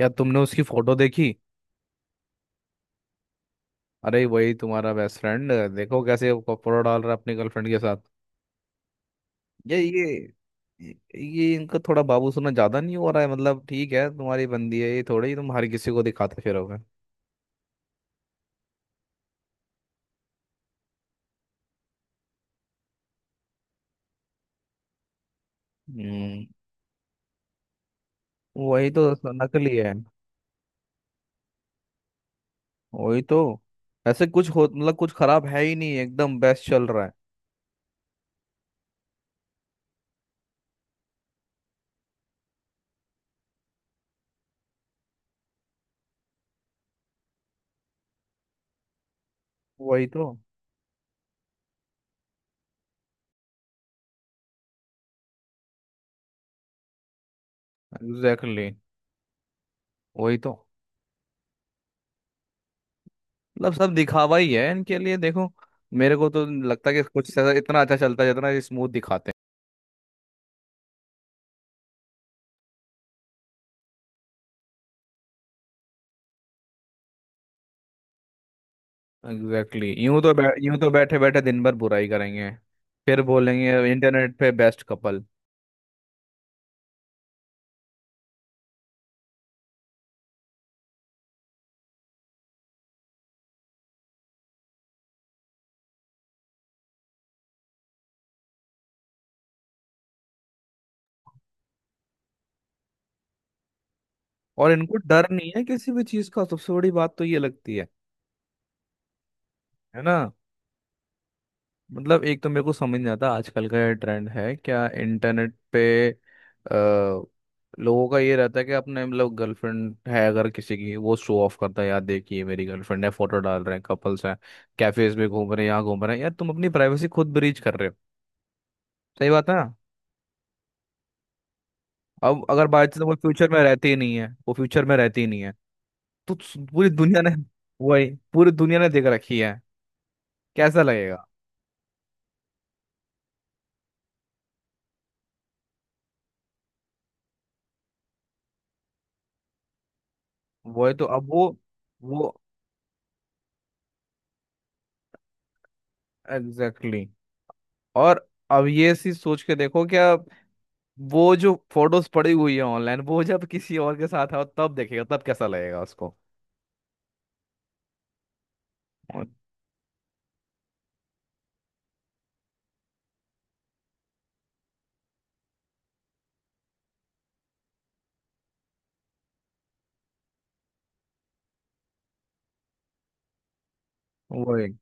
या तुमने उसकी फोटो देखी? अरे वही तुम्हारा बेस्ट फ्रेंड देखो कैसे वो कपड़ा डाल रहा है अपनी गर्लफ्रेंड के साथ. ये ये इनका थोड़ा बाबू सुना ज्यादा नहीं हो रहा है. मतलब ठीक है तुम्हारी बंदी है ये थोड़ी तुम हर किसी को दिखाते फिरोगे. हम्म. वही तो. नकली है. वही तो. ऐसे कुछ हो मतलब कुछ खराब है ही नहीं एकदम बेस्ट चल रहा है. वही तो. Exactly exactly. वही तो. मतलब सब दिखावा ही है इनके लिए देखो. मेरे को तो लगता है कि कुछ इतना अच्छा चलता है जितना स्मूथ दिखाते हैं. Exactly exactly. यूं तो बैठे बैठे दिन भर बुराई करेंगे. फिर बोलेंगे इंटरनेट पे बेस्ट कपल. और इनको डर नहीं है किसी भी चीज का, सबसे बड़ी बात तो ये लगती है. है ना. मतलब एक तो मेरे को समझ नहीं आता आजकल का ये ट्रेंड है क्या इंटरनेट पे लोगों का ये रहता है कि अपने मतलब गर्लफ्रेंड है अगर किसी की, वो शो ऑफ करता है यार देखिए मेरी गर्लफ्रेंड है, फोटो डाल रहे हैं कपल्स हैं. कैफेज में घूम रहे हैं यहाँ घूम रहे हैं. यार तुम अपनी प्राइवेसी खुद ब्रीच कर रहे हो. सही बात है. अब अगर बाई चांस वो फ्यूचर में रहती ही नहीं है, वो फ्यूचर में रहती ही नहीं है. तो पूरी दुनिया ने वही. पूरी दुनिया ने देख रखी है. कैसा लगेगा. वही तो. अब वो. Exactly exactly. और अब ये चीज सोच के देखो क्या. वो जो फोटोज पड़ी हुई है ऑनलाइन, वो जब किसी और के साथ है तब देखेगा तब कैसा लगेगा उसको. वही.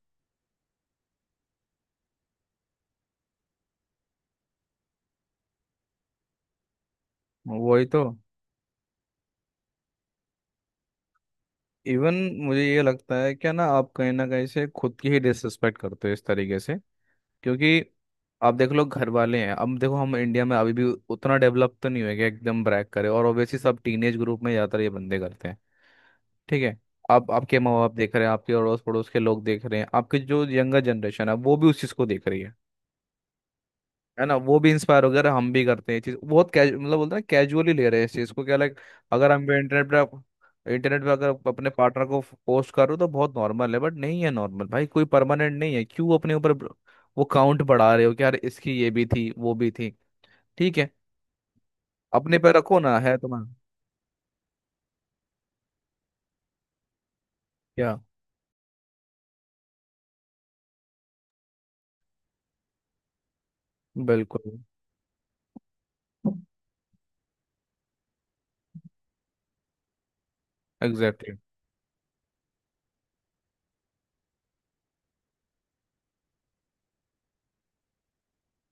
वही तो. इवन मुझे ये लगता है क्या ना, आप कहीं ना कहीं से खुद की ही डिसरिस्पेक्ट करते हो इस तरीके से. क्योंकि आप देख लो घर वाले हैं. अब देखो हम इंडिया में अभी भी उतना डेवलप तो नहीं हुए कि एकदम ब्रैक करे, और ऑब्वियसली सब टीनेज ग्रुप में ज़्यादातर ये बंदे करते हैं. ठीक है. आप आपके माँ बाप देख रहे हैं, आपके अड़ोस पड़ोस के लोग देख रहे हैं, आपके जो यंगर जनरेशन है वो भी उस चीज़ को देख रही है. है ना. वो भी इंस्पायर हो गया, अरे हम भी करते हैं ये चीज. बहुत कैजु मतलब बोलते हैं, कैजुअली ले रहे हैं इस चीज को क्या, लाइक अगर हम इंटरनेट पे अगर अपने पार्टनर को पोस्ट करो तो बहुत नॉर्मल है, बट नहीं है नॉर्मल भाई, कोई परमानेंट नहीं है. क्यों अपने ऊपर वो काउंट बढ़ा रहे हो कि यार इसकी ये भी थी वो भी थी. ठीक है. अपने पे रखो ना है तुम्हारा. क्या. बिल्कुल. एग्जैक्टली.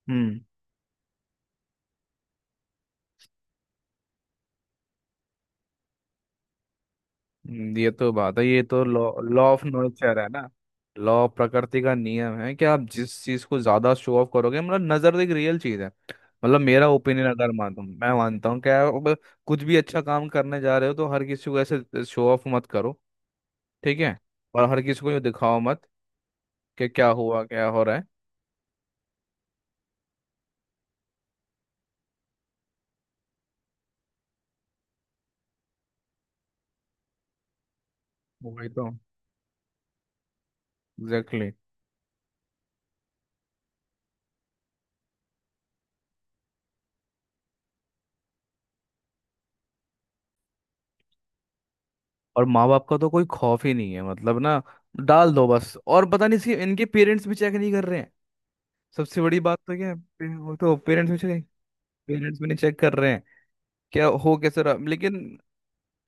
हम्म. ये तो बात है, ये तो लॉ लॉ ऑफ नेचर है ना. लॉ, प्रकृति का नियम है कि आप जिस चीज को ज्यादा शो ऑफ करोगे, मतलब नजर एक रियल चीज है. मतलब मेरा ओपिनियन, अगर मानता हूँ, मैं मानता हूँ क्या अब. कुछ भी अच्छा काम करने जा रहे हो तो हर किसी को ऐसे शो ऑफ मत करो. ठीक है. और हर किसी को ये दिखाओ मत कि क्या हुआ क्या हो रहा है. वही तो. Exactly exactly. और माँ बाप का तो कोई खौफ ही नहीं है मतलब ना. डाल दो बस, और पता नहीं सी इनके पेरेंट्स भी चेक नहीं कर रहे हैं. सबसे बड़ी बात तो क्या है वो तो पेरेंट्स भी चेक. पेरेंट्स भी नहीं चेक कर रहे हैं क्या हो कैसे रहा, लेकिन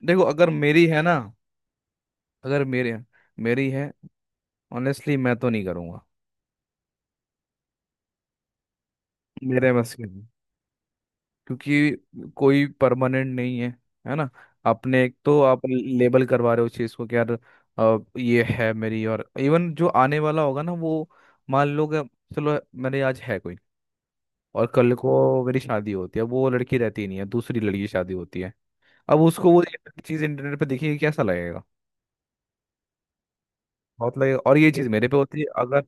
देखो अगर मेरी है ना, अगर मेरे मेरी है, ऑनेस्टली मैं तो नहीं करूंगा. मेरे बस की, क्योंकि कोई परमानेंट नहीं है. है ना. आपने, एक तो आप लेबल करवा रहे हो चीज को कि यार ये है मेरी. और इवन जो आने वाला होगा ना वो, मान लो कि, चलो मेरे आज है कोई, और कल को मेरी शादी होती है, वो लड़की रहती नहीं है, दूसरी लड़की की शादी होती है. अब उसको वो चीज इंटरनेट पे देखिए, कैसा लगेगा. बहुत लगेगा. और ये चीज मेरे पे होती है अगर,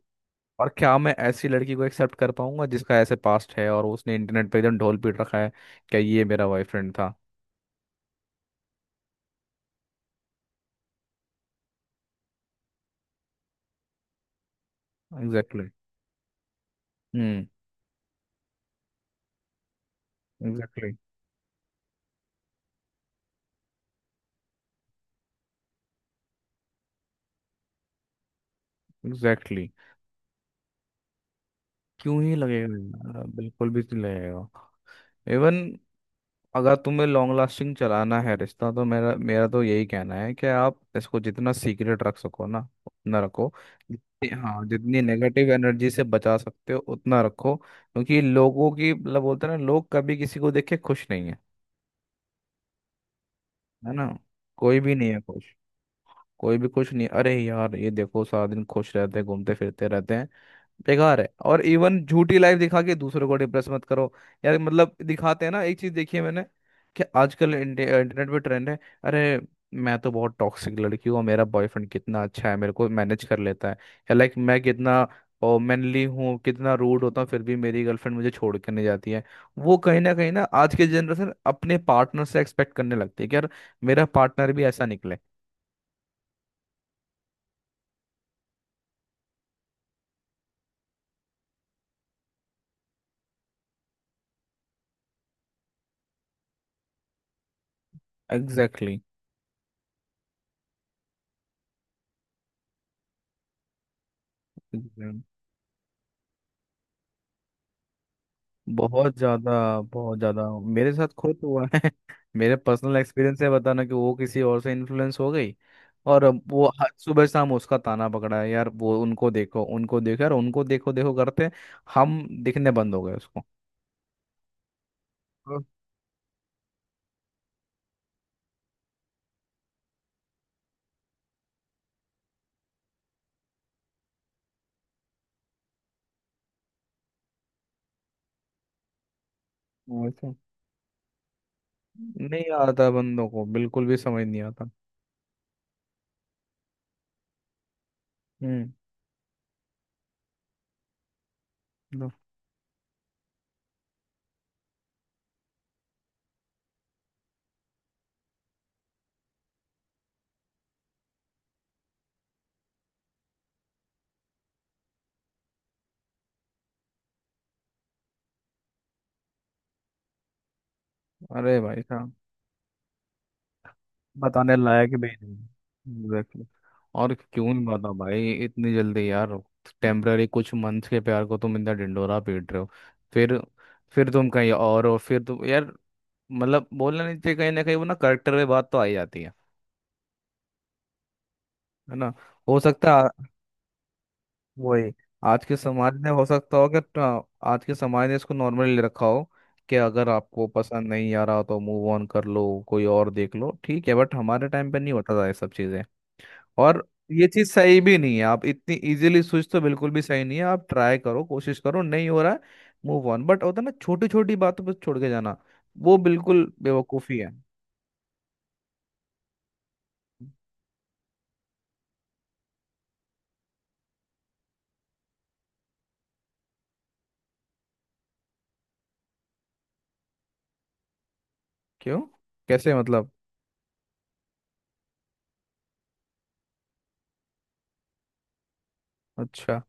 और क्या मैं ऐसी लड़की को एक्सेप्ट कर पाऊंगा जिसका ऐसे पास्ट है और उसने इंटरनेट पे एकदम ढोल पीट रखा है क्या ये मेरा बॉयफ्रेंड था. एग्जैक्टली. हम्म. एग्जैक्टली. एग्जैक्टली. क्यों ही लगेगा. यार, बिल्कुल भी तो नहीं लगेगा. इवन अगर तुम्हें लॉन्ग लास्टिंग चलाना है रिश्ता, तो मेरा मेरा तो यही कहना है कि आप इसको जितना सीक्रेट रख सको ना उतना रखो. हाँ, जितनी नेगेटिव एनर्जी से बचा सकते हो उतना रखो, क्योंकि लोगों की, मतलब बोलते हैं ना, लोग कभी किसी को देख के खुश नहीं है. है ना. कोई भी नहीं है खुश. कोई भी खुश नहीं है. अरे यार ये देखो, सारा दिन खुश रहते हैं, घूमते फिरते रहते हैं. बेकार है. और इवन झूठी लाइफ दिखा के दूसरों को डिप्रेस मत करो यार. मतलब दिखाते हैं ना, एक चीज देखी है मैंने कि आजकल इंटरनेट पे ट्रेंड है, अरे मैं तो बहुत टॉक्सिक लड़की हूँ, मेरा बॉयफ्रेंड कितना अच्छा है मेरे को मैनेज कर लेता है. या लाइक, मैं कितना मैनली हूँ, कितना रूड होता हूँ, फिर भी मेरी गर्लफ्रेंड मुझे छोड़ के नहीं जाती है. वो कहीं ना कहीं ना, आज के जनरेशन अपने पार्टनर से एक्सपेक्ट करने लगती है कि यार मेरा पार्टनर भी ऐसा निकले. Exactly exactly. बहुत ज्यादा. बहुत ज्यादा. मेरे साथ खुद हुआ है मेरे पर्सनल एक्सपीरियंस से बताना, कि वो किसी और से इन्फ्लुएंस हो गई. और अब वो हर सुबह शाम उसका ताना पकड़ा है यार, वो उनको देखो उनको देखो, यार उनको देखो देखो करते हम दिखने बंद हो गए उसको. हाँ, वैसे नहीं आता बंदों को, बिल्कुल भी समझ नहीं आता. हम्म. लो. अरे भाई साहब. बताने लायक भी नहीं. Exactly. और क्यों नहीं मारना भाई इतनी जल्दी यार. टेम्पररी कुछ मंथ के प्यार को तुम इतना ढिंढोरा पीट रहे हो. फिर. फिर तुम कहीं और हो, फिर तुम, यार मतलब बोलना नहीं चाहिए, कहीं ना कहीं वो ना करेक्टर में बात तो आ ही जाती है. है ना. हो सकता है. वही. आज के समाज ने, हो सकता हो कि आज के समाज ने इसको नॉर्मली ले रखा हो, कि अगर आपको पसंद नहीं आ रहा तो मूव ऑन कर लो कोई और देख लो, ठीक है, बट हमारे टाइम पे नहीं होता था ये सब चीज़ें. और ये चीज सही भी नहीं है, आप इतनी इजीली स्विच, तो बिल्कुल भी सही नहीं है. आप ट्राई करो, कोशिश करो, नहीं हो रहा है मूव ऑन, बट होता है ना छोटी छोटी बातों पर छोड़ के जाना, वो बिल्कुल बेवकूफी है. क्यों, कैसे, मतलब, अच्छा.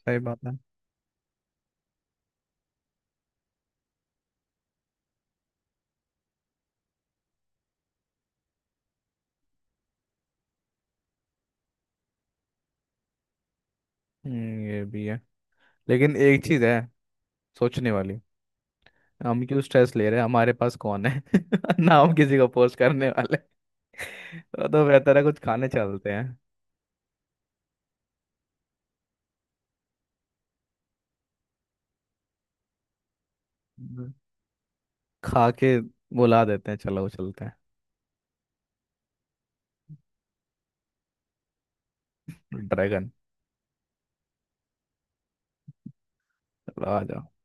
सही बात है. ये भी है. लेकिन एक चीज है सोचने वाली. हम क्यों स्ट्रेस ले रहे हैं, हमारे पास कौन है? ना हम किसी को पोस्ट करने वाले. तो बेहतर है कुछ खाने चलते हैं. हम्म. खा के बुला देते हैं चलो चलते हैं ड्रैगन. चलो आ जाओ.